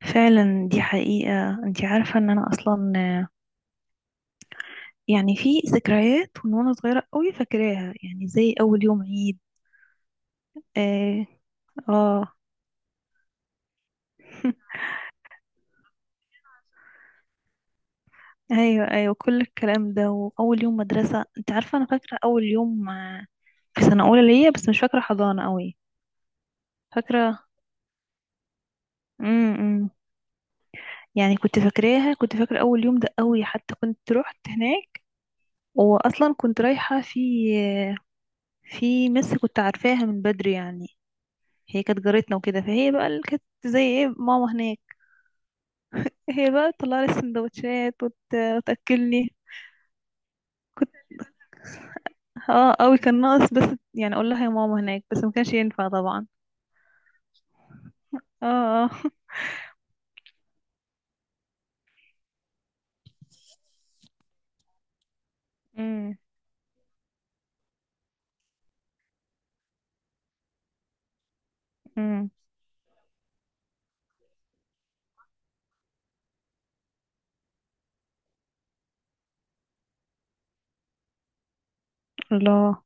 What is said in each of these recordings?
فعلا، دي حقيقة. انت عارفة ان انا اصلا يعني في ذكريات من وانا صغيرة قوي فاكراها، يعني زي اول يوم عيد. اه, آه. ايوه، ايوه، كل الكلام ده، واول يوم مدرسة. انت عارفة انا فاكرة اول يوم في سنة اولى ليا، بس مش فاكرة حضانة قوي. فاكرة. امم يعني كنت فاكرة اول يوم ده قوي، حتى كنت رحت هناك. واصلا كنت رايحة آه، في مس كنت عارفاها من بدري يعني. هي كانت جارتنا وكده، فهي بقى اللي كانت زي ايه، ماما هناك. هي بقى تطلع لي السندوتشات وتاكلني. كنت اه قوي، كان ناقص بس يعني اقول لها يا ماما هناك، بس ما كانش ينفع طبعا. اه. اه. امم امم الله.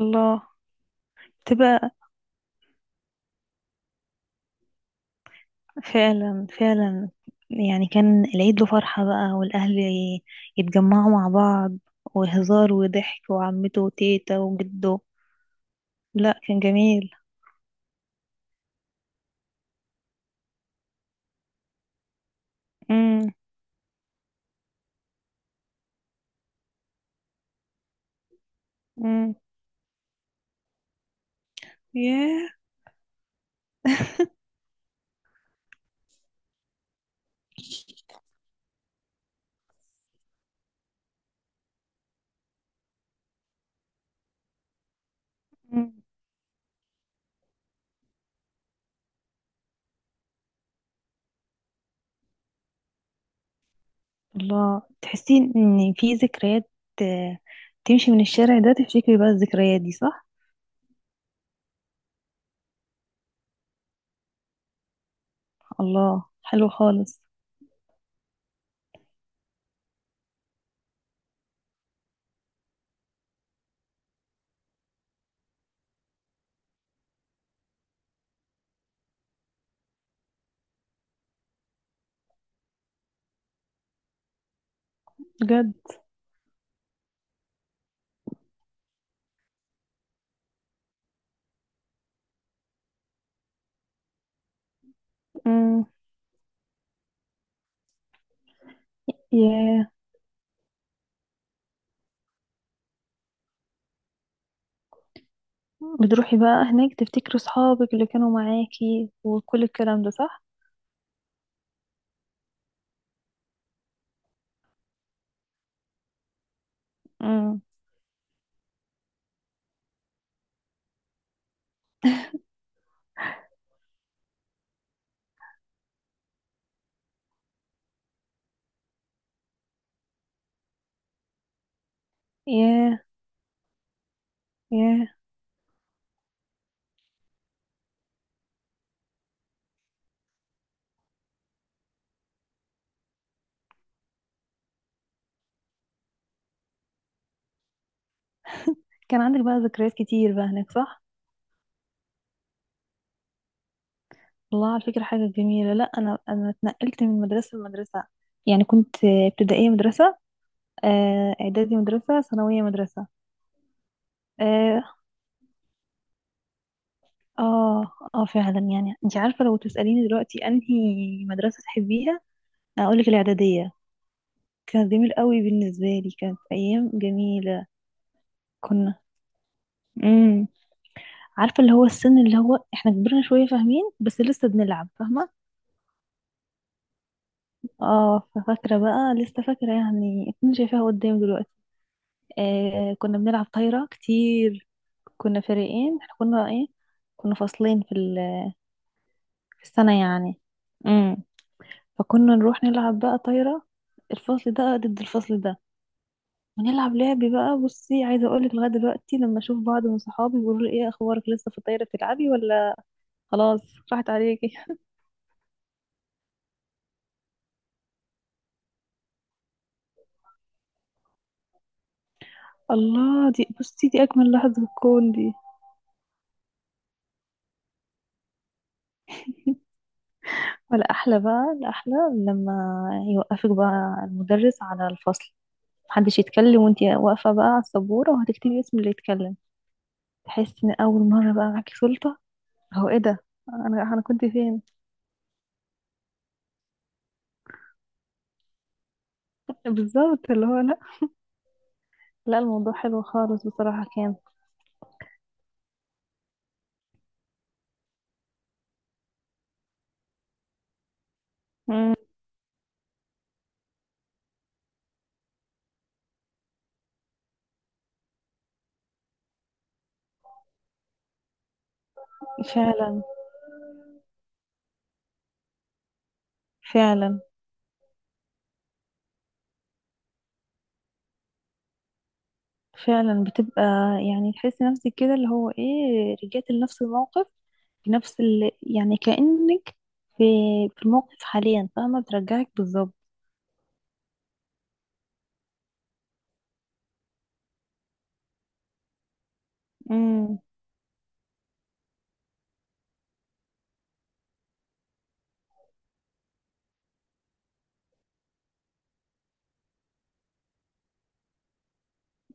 الله. تبقى فعلا، فعلا. يعني كان العيد له فرحة بقى، والأهل يتجمعوا مع بعض، وهزار وضحك، وعمته وتيتا وجده. لا، كان جميل. امم امم ياه. الله، تحسي ان في ذكريات، آه، تمشي من الشارع ده تفتكري بقى الذكريات دي، صح. الله، حلو خالص. بجد. امم ياه. بتروحي بقى هناك تفتكري صحابك اللي كانوا معاكي وكل الكلام ده، صح. امم ياه، ياه. كان عندك بقى ذكريات كتير بقى هناك، صح. الله، على فكرة حاجة جميلة. لا انا، اتنقلت من مدرسة لمدرسة. يعني كنت ابتدائية مدرسة، اعدادي مدرسة، ثانوية مدرسة. آه، اه، اه، فعلا. يعني انت عارفة، لو تسأليني دلوقتي انهي مدرسة تحبيها، اقولك الاعدادية. كانت جميل قوي بالنسبة لي، كانت ايام جميلة. كنا، امم عارفة اللي هو السن اللي هو احنا كبرنا شوية، فاهمين بس لسه بنلعب، فاهمة. اه، ففاكرة بقى، لسه فاكرة يعني، اكون شايفاها قدام دلوقتي. آه، كنا بنلعب طايرة كتير. كنا فريقين. احنا كنا ايه، كنا فصلين في السنة يعني. فكنا نروح نلعب بقى طايرة، الفصل ده ضد الفصل ده. ونلعب لعبي بقى. بصي، عايزة اقولك، لغاية دلوقتي لما اشوف بعض من صحابي بيقولوا لي، ايه اخبارك، لسه في الطايرة بتلعبي ولا خلاص راحت عليكي. الله، دي بصي دي اجمل لحظة في الكون دي. ولا احلى بقى، الاحلى لما يوقفك بقى المدرس على الفصل، محدش يتكلم، وانتي واقفة بقى على السبورة وهتكتبي اسم اللي يتكلم. تحسي ان اول مرة بقى معاكي سلطة. هو ايه ده، انا انا كنت فين. بالظبط، اللي هو لا، لا، الموضوع حلو خالص بصراحة، كان مم. فعلا، فعلا، فعلا. بتبقى يعني تحسي نفسك كده اللي هو ايه، رجعت لنفس الموقف، بنفس يعني كأنك في في الموقف حاليا، فاهمة، بترجعك بالظبط. مم.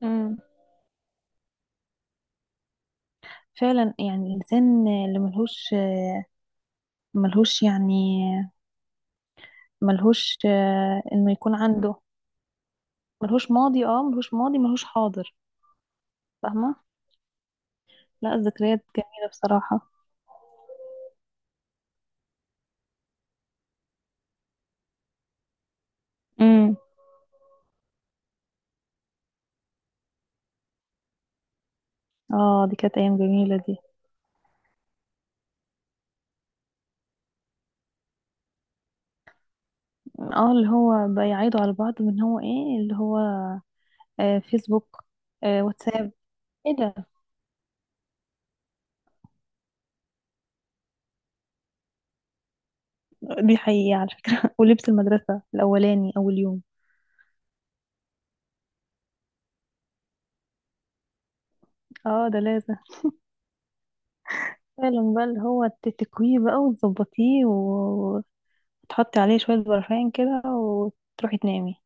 مم. فعلا. يعني الإنسان اللي ملهوش، يعني ملهوش إنه يكون عنده، ملهوش ماضي. اه، ملهوش ماضي، ملهوش حاضر. فاهمة. لا، الذكريات جميلة بصراحة. امم اه، دي كانت أيام جميلة دي. اه، اللي هو بيعيدوا على بعض من هو ايه، اللي هو آه، فيسبوك، آه، واتساب، ايه ده. دي حقيقة على فكرة. ولبس المدرسة الأولاني أول يوم. اه ده لازم. فعلا بقى، اللي هو تتكويه بقى وتظبطيه وتحطي عليه شوية برفان كده، وتروحي تنامي.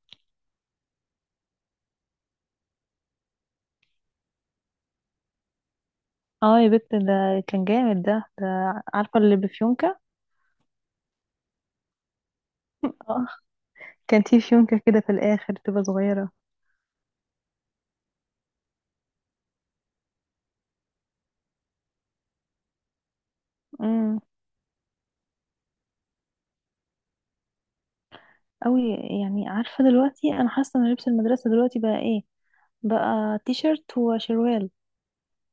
اه يا بنت، ده كان جامد ده، عارفة اللي بفيونكة. اه، كان في فيونكة كده في الآخر، تبقى صغيرة. امم. أوي. يعني عارفة دلوقتي أنا حاسة إن لبس المدرسة دلوقتي بقى إيه، بقى تي شيرت وشروال.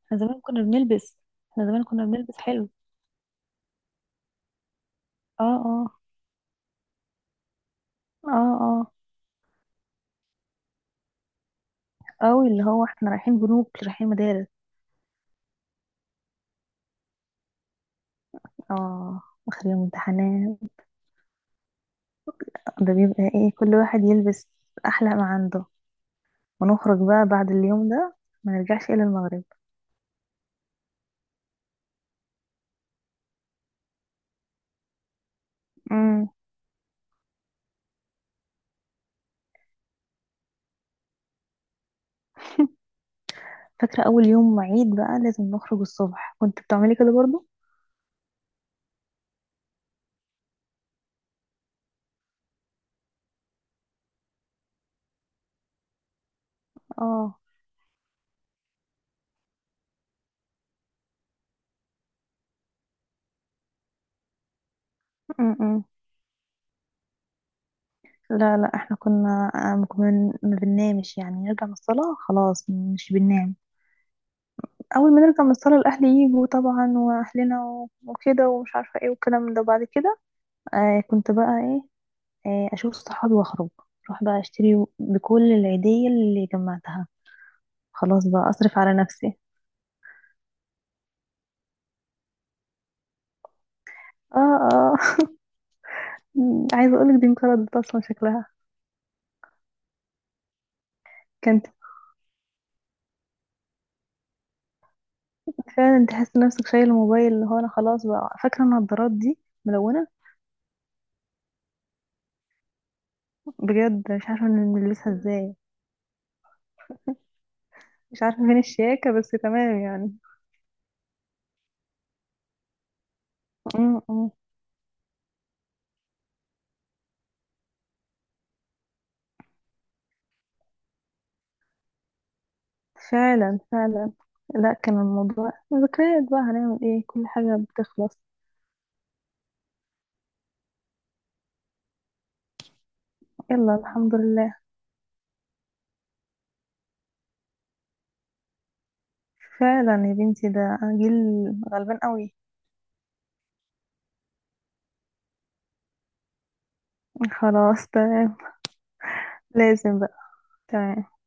احنا زمان كنا بنلبس احنا زمان كنا بنلبس حلو. اه، اه، اه، اه. اوي، اللي هو احنا رايحين جنوب، رايحين مدارس. اه، اخر يوم امتحانات ده بيبقى ايه، كل واحد يلبس احلى ما عنده، ونخرج بقى بعد اليوم ده ما نرجعش الا المغرب. امم. فاكرة اول يوم عيد بقى لازم نخرج الصبح، كنت بتعملي كده برضو. اه. امم لا، لا، احنا كنا ما بننامش يعني. نرجع من الصلاة خلاص مش بننام. اول ما نرجع من الصلاه الاهل يجوا طبعا، واهلنا وكده ومش عارفه ايه وكلام من ده. بعد كده آه كنت بقى ايه آه اشوف صحابي واخرج، اروح بقى اشتري بكل العيديه اللي جمعتها، خلاص بقى اصرف على نفسي. اه، اه. عايزه اقولك دي انقرضت اصلا شكلها. كانت فعلا تحس نفسك شايل الموبايل. اللي هو انا خلاص بقى، فاكره النضارات دي ملونه. بجد مش عارفه إن نلبسها ازاي. مش عارفه فين الشياكه، بس تمام يعني. فعلا، فعلا. لا، كان الموضوع ذكريات بقى، هنعمل ايه، كل حاجة بتخلص. يلا، الحمد لله. فعلا يا بنتي، ده جيل غلبان قوي. خلاص، تمام. لازم بقى. تمام.